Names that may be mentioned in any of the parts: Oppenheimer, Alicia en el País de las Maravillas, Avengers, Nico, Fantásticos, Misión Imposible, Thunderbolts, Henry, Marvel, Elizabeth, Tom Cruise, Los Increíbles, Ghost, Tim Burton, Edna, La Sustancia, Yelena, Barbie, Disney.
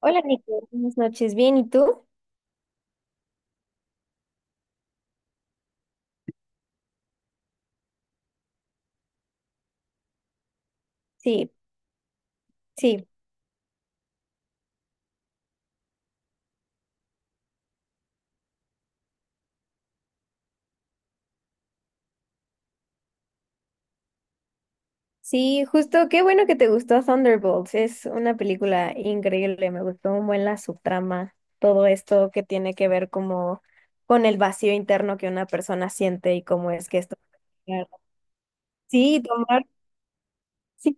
Hola Nico, buenas noches. Bien, ¿y tú? Sí, sí, sí, justo, qué bueno que te gustó Thunderbolts. Es una película increíble, me gustó un buen la subtrama, todo esto que tiene que ver como con el vacío interno que una persona siente y cómo es que esto. Sí, tomar. Sí.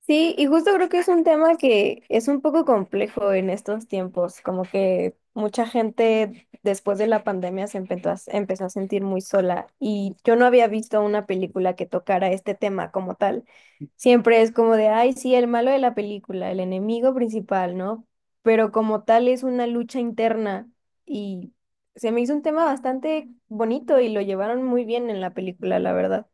Sí, y justo creo que es un tema que es un poco complejo en estos tiempos, como que mucha gente después de la pandemia se empezó a, empezó a sentir muy sola y yo no había visto una película que tocara este tema como tal. Siempre es como de, ay, sí, el malo de la película, el enemigo principal, ¿no? Pero como tal es una lucha interna y se me hizo un tema bastante bonito y lo llevaron muy bien en la película, la verdad.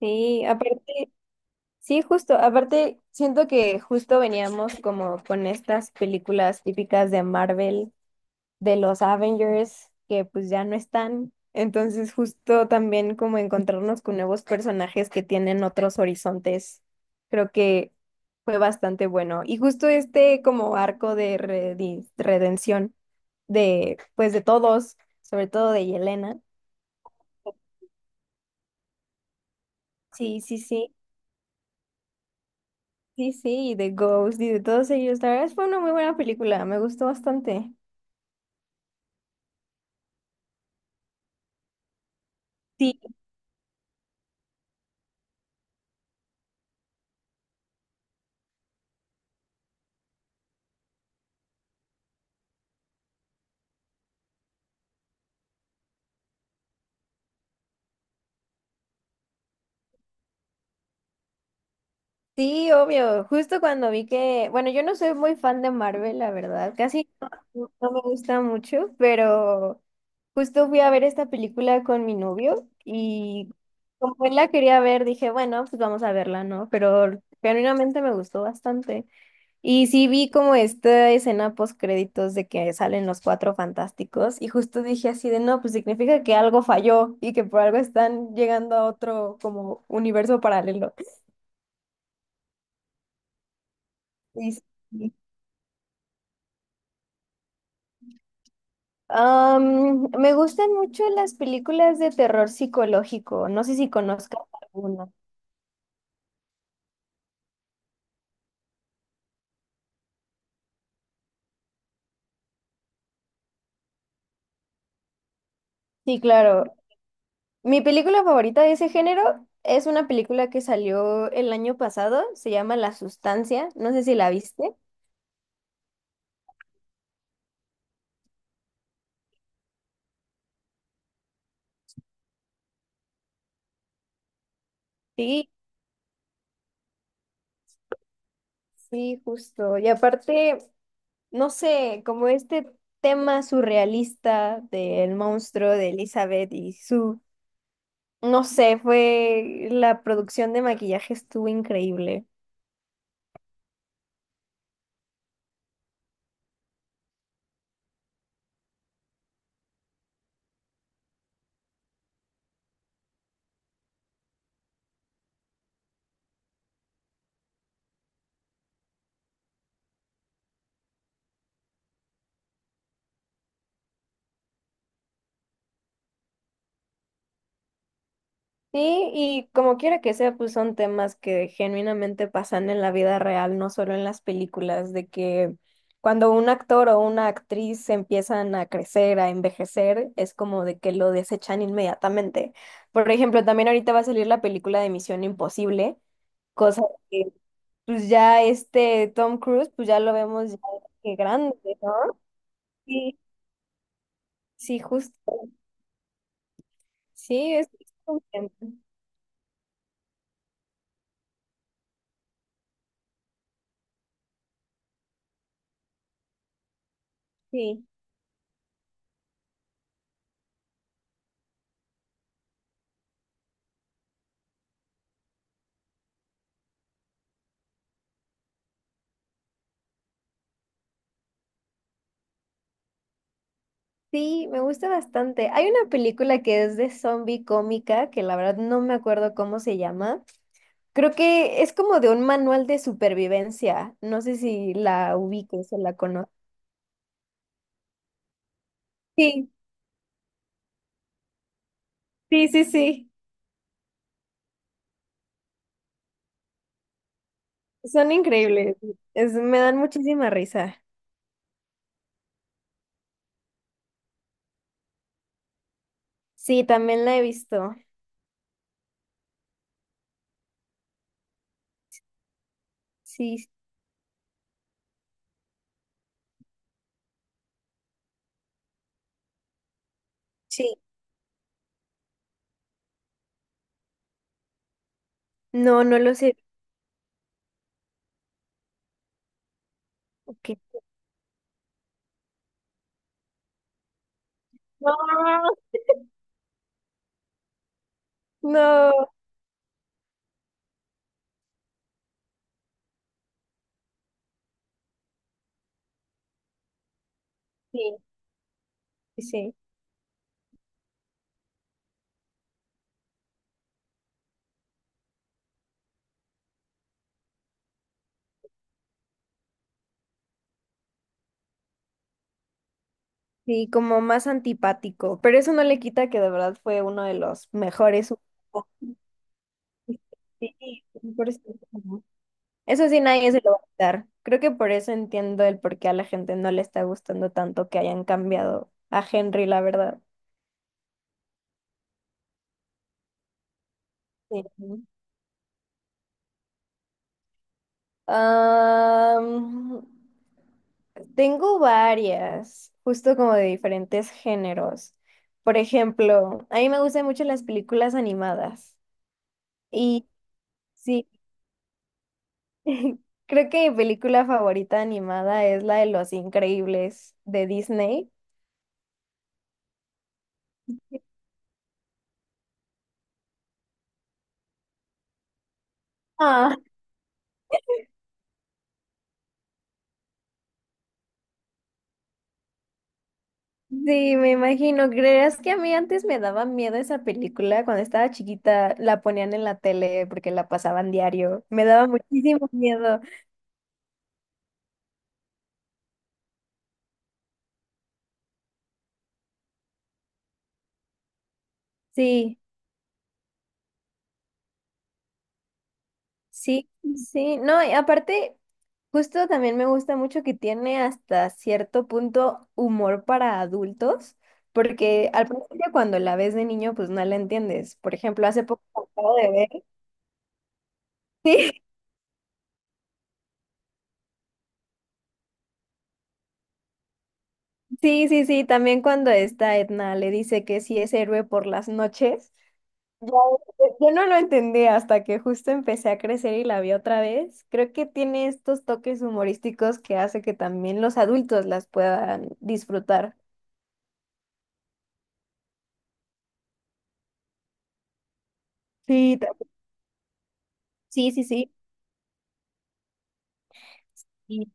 Sí, aparte. Sí, justo. Aparte, siento que justo veníamos como con estas películas típicas de Marvel, de los Avengers, que pues ya no están. Entonces, justo también como encontrarnos con nuevos personajes que tienen otros horizontes, creo que fue bastante bueno. Y justo este como arco de redención de, pues de todos, sobre todo de Yelena. Sí, sí, sí. Sí, sí, y de Ghost y de todos ellos. La verdad es que fue una muy buena película, me gustó bastante. Sí. Sí, obvio. Justo cuando vi que, bueno, yo no soy muy fan de Marvel, la verdad, casi no, no me gusta mucho, pero justo fui a ver esta película con mi novio y como él la quería ver, dije, bueno, pues vamos a verla, ¿no? Pero genuinamente me gustó bastante. Y sí vi como esta escena post créditos de que salen los cuatro fantásticos y justo dije así de no, pues significa que algo falló y que por algo están llegando a otro como universo paralelo. Y sí. Sí. Me gustan mucho las películas de terror psicológico, no sé si conozcas alguna. Sí, claro. Mi película favorita de ese género es una película que salió el año pasado, se llama La Sustancia, no sé si la viste. Sí, sí, justo. Y aparte, no sé, como este tema surrealista del monstruo de Elizabeth y su, no sé, fue la producción de maquillaje estuvo increíble. Sí, y como quiera que sea, pues son temas que genuinamente pasan en la vida real, no solo en las películas, de que cuando un actor o una actriz empiezan a crecer, a envejecer, es como de que lo desechan inmediatamente. Por ejemplo, también ahorita va a salir la película de Misión Imposible, cosa que pues ya este Tom Cruise, pues ya lo vemos ya que grande, ¿no? Sí, sí, justo. Sí, es contento. Sí, sí, me gusta bastante. Hay una película que es de zombie cómica, que la verdad no me acuerdo cómo se llama. Creo que es como de un manual de supervivencia. No sé si la ubiques o la conoces. Sí, sí, sí, sí. Son increíbles. Es, me dan muchísima risa. Sí, también la he visto. Sí, sí. No, no lo sé. Ok. No, no, sí, sí, sí, como más antipático, pero eso no le quita que de verdad fue uno de los mejores. Sí, por eso, eso sí nadie se lo va a quitar. Creo que por eso entiendo el por qué a la gente no le está gustando tanto que hayan cambiado a Henry, la verdad. Sí. Am, Tengo varias, justo como de diferentes géneros. Por ejemplo, a mí me gustan mucho las películas animadas. Y sí, creo que mi película favorita animada es la de Los Increíbles de Disney. Ah, sí, me imagino. ¿Creerás que a mí antes me daba miedo esa película? Cuando estaba chiquita la ponían en la tele porque la pasaban diario. Me daba muchísimo miedo. Sí. Sí, sí, no, y aparte, justo también me gusta mucho que tiene hasta cierto punto humor para adultos, porque al principio cuando la ves de niño, pues no la entiendes. Por ejemplo, hace poco acabo de ver. Sí, sí, sí, sí, también cuando esta Edna le dice que sí es héroe por las noches. Ya, yo no lo entendí hasta que justo empecé a crecer y la vi otra vez. Creo que tiene estos toques humorísticos que hace que también los adultos las puedan disfrutar. Sí. Sí, sí, sí. y-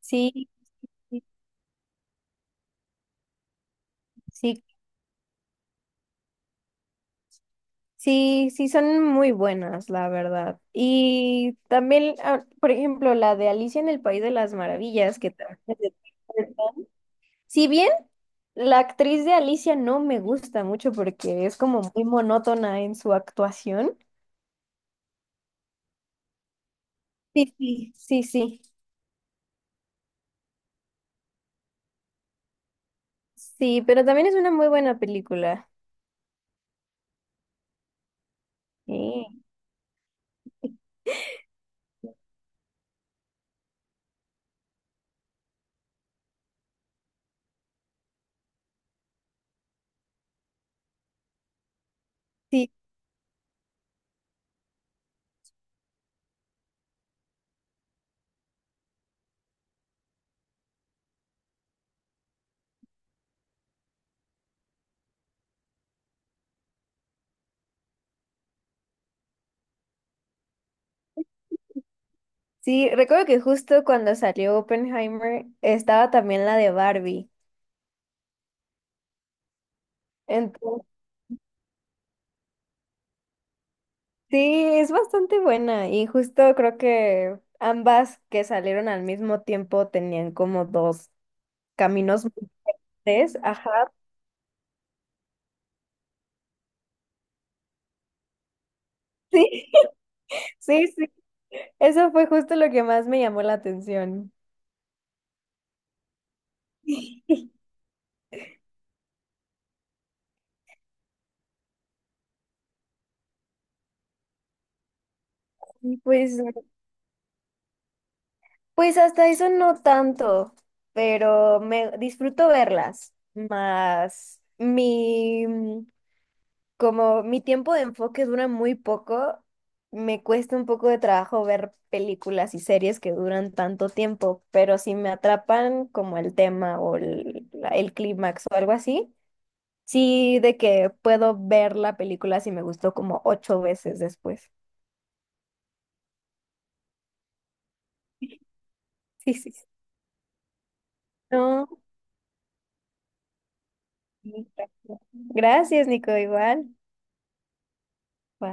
Sí, sí, sí, sí, sí, son muy buenas, la verdad. Y también, ah, por ejemplo, la de Alicia en el País de las Maravillas, que también es de Tim Burton. Si bien la actriz de Alicia no me gusta mucho porque es como muy monótona en su actuación. Sí, sí, sí, sí. Sí, pero también es una muy buena película. Sí. Sí, sí, recuerdo que justo cuando salió Oppenheimer estaba también la de Barbie. Sí, es bastante buena y justo creo que ambas que salieron al mismo tiempo tenían como dos caminos muy diferentes. Ajá, sí, sí, sí. Eso fue justo lo que más me llamó la atención. Pues, pues hasta eso no tanto, pero me disfruto verlas. Más mi, como mi tiempo de enfoque dura muy poco, me cuesta un poco de trabajo ver películas y series que duran tanto tiempo, pero si me atrapan como el tema o el clímax o algo así, sí de que puedo ver la película si me gustó como 8 veces después. Sí, sí. Sí. No. Sí, gracias, Nico, igual. Bye.